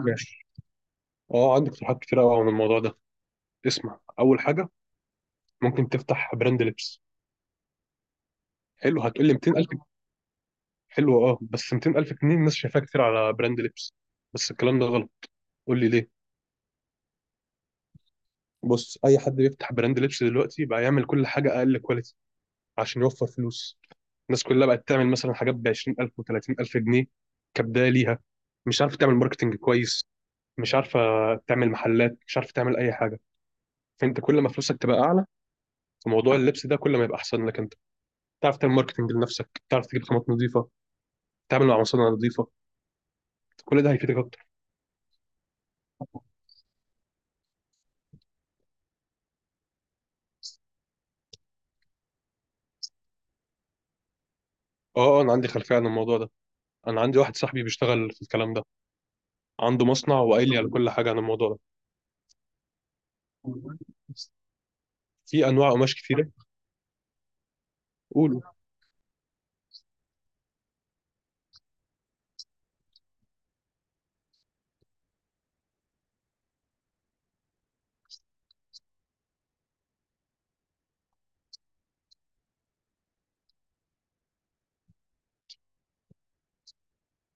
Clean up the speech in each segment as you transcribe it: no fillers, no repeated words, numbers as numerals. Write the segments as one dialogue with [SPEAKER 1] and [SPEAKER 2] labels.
[SPEAKER 1] ماشي. اه، عندك اقتراحات كتير قوي عن الموضوع ده. اسمع، اول حاجه ممكن تفتح براند لبس. حلو، هتقول لي 200000. حلو، اه بس 200000 جنيه الناس شايفاها كتير على براند لبس، بس الكلام ده غلط. قول لي ليه. بص، اي حد بيفتح براند لبس دلوقتي بقى يعمل كل حاجه اقل كواليتي عشان يوفر فلوس. الناس كلها بقت تعمل مثلا حاجات ب 20000 و30000 جنيه كبدايه ليها، مش عارفه تعمل ماركتنج كويس، مش عارفه تعمل محلات، مش عارفه تعمل اي حاجه. فانت كل ما فلوسك تبقى اعلى في موضوع اللبس ده كل ما يبقى احسن لك انت، تعرف تعمل ماركتنج لنفسك، تعرف تجيب خامات نظيفه، تتعامل مع مصانع نظيفه. كل ده هيفيدك اكتر. اه انا عندي خلفيه عن الموضوع ده. انا عندي واحد صاحبي بيشتغل في الكلام ده، عنده مصنع وقايل لي على كل حاجه عن الموضوع ده. في انواع قماش كتيره. قولوا.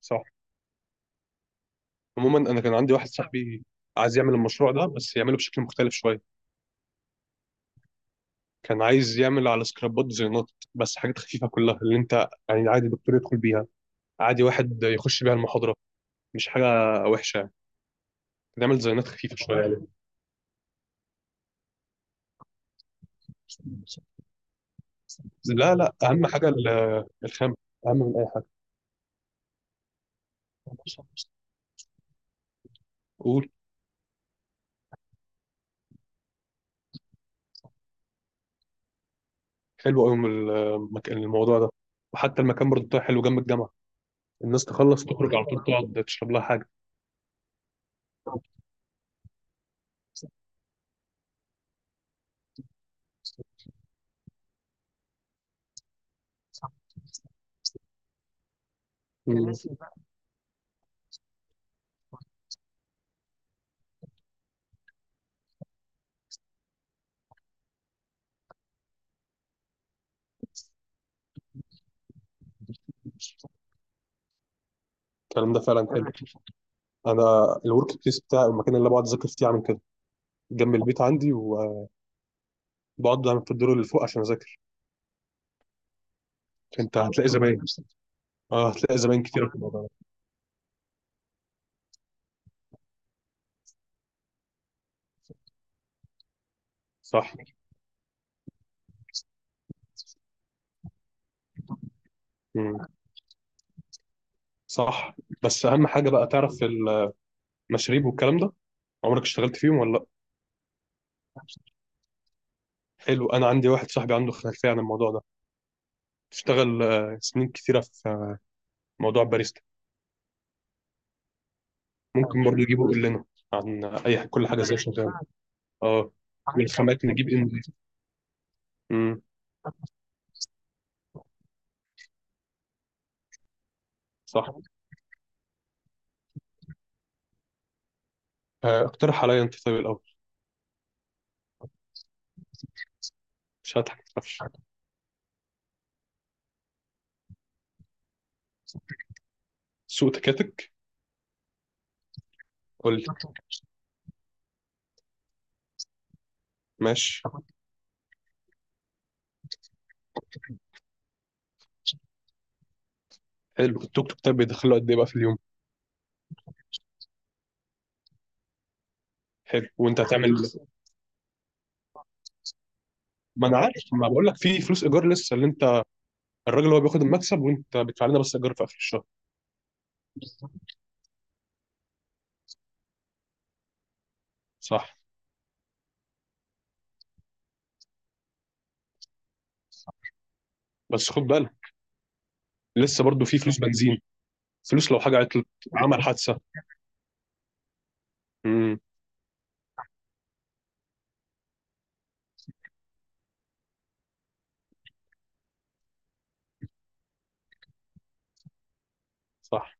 [SPEAKER 1] صح. عموما انا كان عندي واحد صاحبي عايز يعمل المشروع ده بس يعمله بشكل مختلف شويه. كان عايز يعمل على سكرابات ديزاينات، بس حاجات خفيفه كلها، اللي انت يعني عادي الدكتور يدخل بيها، عادي واحد يخش بيها المحاضره، مش حاجه وحشه يعني. نعمل ديزاينات خفيفه شويه يعني. لا لا، اهم حاجه الخام اهم من اي حاجه. قول. حلو قوي المكان، الموضوع ده. وحتى المكان برضه بتاعه حلو جنب الجامعه. الناس تخلص تخرج على طول تقعد تشرب لها حاجه. مم. الكلام ده فعلا حلو. انا الورك بليس بتاعي، المكان اللي بقعد اذاكر فيه، عامل كده جنب البيت عندي، وبقعد دايما في الدور اللي فوق عشان اذاكر. انت هتلاقي زباين. اه، هتلاقي زباين كتير في الموضوع ده. صح. مم. صح. بس اهم حاجه بقى تعرف المشاريب والكلام ده، عمرك اشتغلت فيهم ولا لا؟ حلو، انا عندي واحد صاحبي عنده خلفيه عن الموضوع ده، اشتغل سنين كتيره في موضوع باريستا. ممكن برضو يجيبه يقول لنا عن اي كل حاجه ازاي شغاله. اه، والخامات نجيب ان. امم. صح. اقترح عليا انت طيب الاول. مش هضحك ما تخافش. سوق تكاتك. قول لي. ماشي. حلو التوك توك. طيب بيدخله قد ايه بقى في اليوم؟ حلو، وانت هتعمل. ما انا عارف، ما بقول لك في فلوس ايجار لسه، اللي انت الراجل هو بياخد المكسب وانت بتدفع لنا بس ايجار في اخر الشهر. صح. بس خد بالك، لسه برضو في فلوس بنزين، فلوس لو حاجة عطلت، عمل حادثة. امم. صح.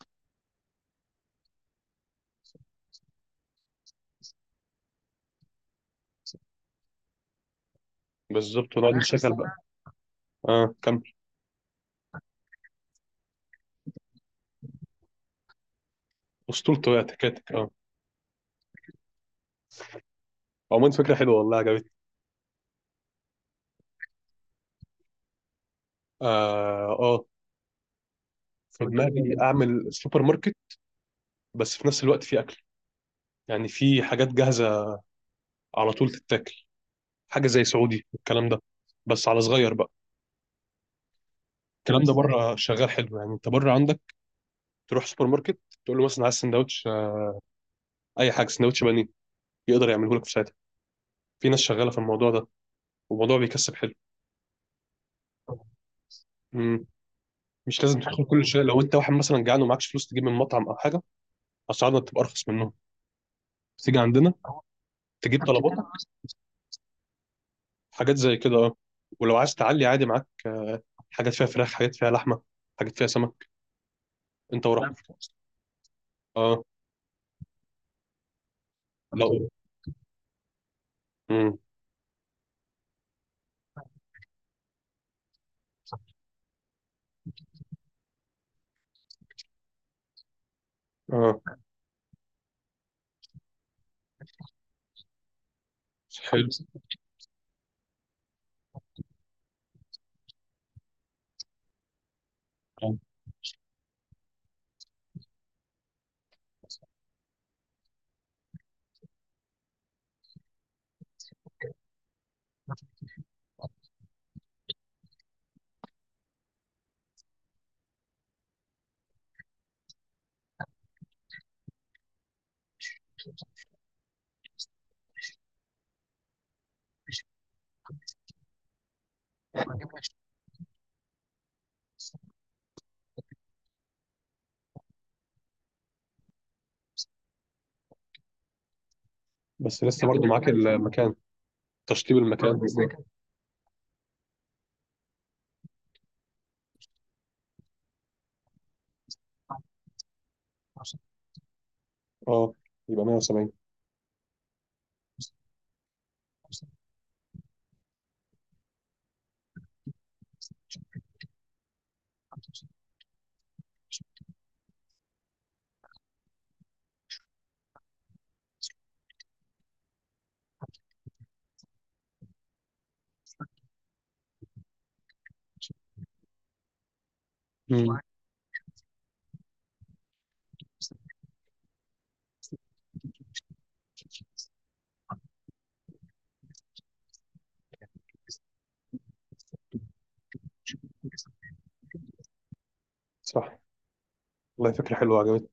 [SPEAKER 1] بالظبط ونقعد نشغل بقى. اه كمل. اسطورته، هي تكاتك اه. عموما فكرة حلوة والله، عجبتني. اه اه. في دماغي اعمل سوبر ماركت، بس في نفس الوقت في اكل، يعني في حاجات جاهزة على طول تتاكل، حاجة زي سعودي والكلام ده، بس على صغير بقى. الكلام ده بره شغال حلو. يعني انت بره عندك، تروح سوبر ماركت تقول له مثلا عايز سندوتش، اي حاجة، سندوتش بانيه يقدر يعمله لك في ساعتها. في ناس شغالة في الموضوع ده والموضوع بيكسب حلو. مش لازم تدخل كل شيء. لو انت واحد مثلا جعان ومعكش فلوس تجيب من مطعم او حاجه، اسعارنا بتبقى ارخص منهم، تيجي عندنا تجيب طلبات، حاجات زي كده اه. ولو عايز تعلي عادي، معاك حاجات فيها فراخ، حاجات فيها لحمه، حاجات فيها سمك. انت وراحتك. اه. لو. امم. اه. حلو. آه. بس لسه برضه معاك المكان، تشطيب المكان. اه يبقى 170. امم. صح. والله فكره حلوه عجبتني.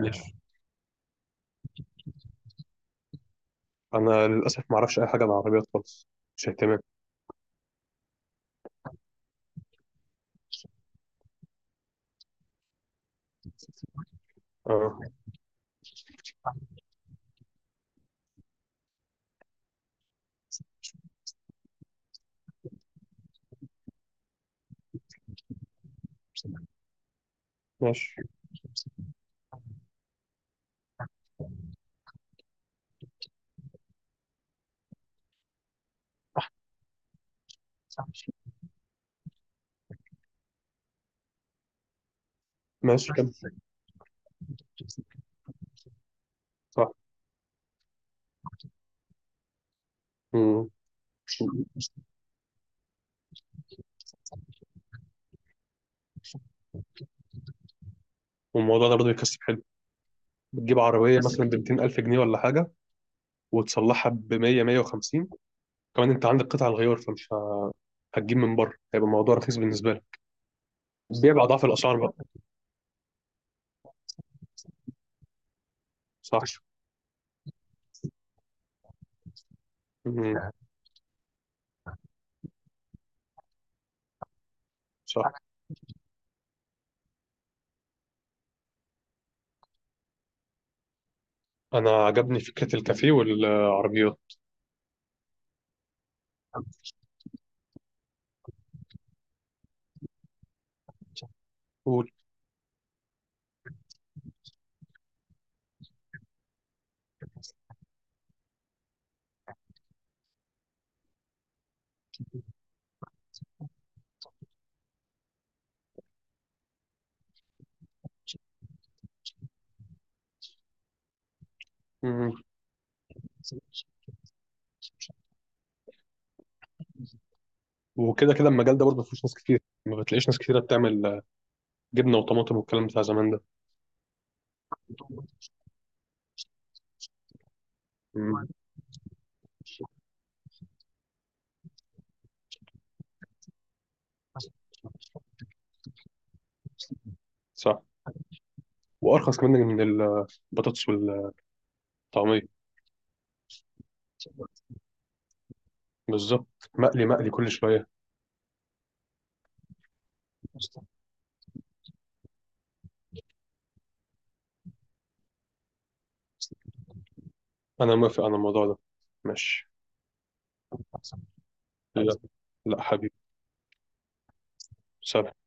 [SPEAKER 1] ماشي. انا للاسف ما اعرفش اي حاجه عن العربيات خالص، مش اهتمام. اه. ماشي. ماشي كمل. صح. مم. والموضوع ده برضه بيكسب حلو. بتجيب عربية مثلا ب 200000 جنيه ولا حاجة، وتصلحها ب 100 150. كمان أنت عندك قطع الغيار، فمش هتجيب من بره، هيبقى الموضوع رخيص بالنسبة لك. بيع بأضعاف الأسعار بقى. صح. مم. صح. أنا عجبني فكرة الكافيه والعربيات. قول. مم. وكده كده المجال ده برضه ما فيهوش ناس كتير، ما بتلاقيش ناس كتيرة بتعمل جبنة وطماطم والكلام بتاع زمان ده. مم. صح. وأرخص كمان من البطاطس والطعمية. بالظبط، مقلي مقلي كل شوية. أنا موافق على الموضوع ده. ماشي. لا. لا حبيبي. سلام.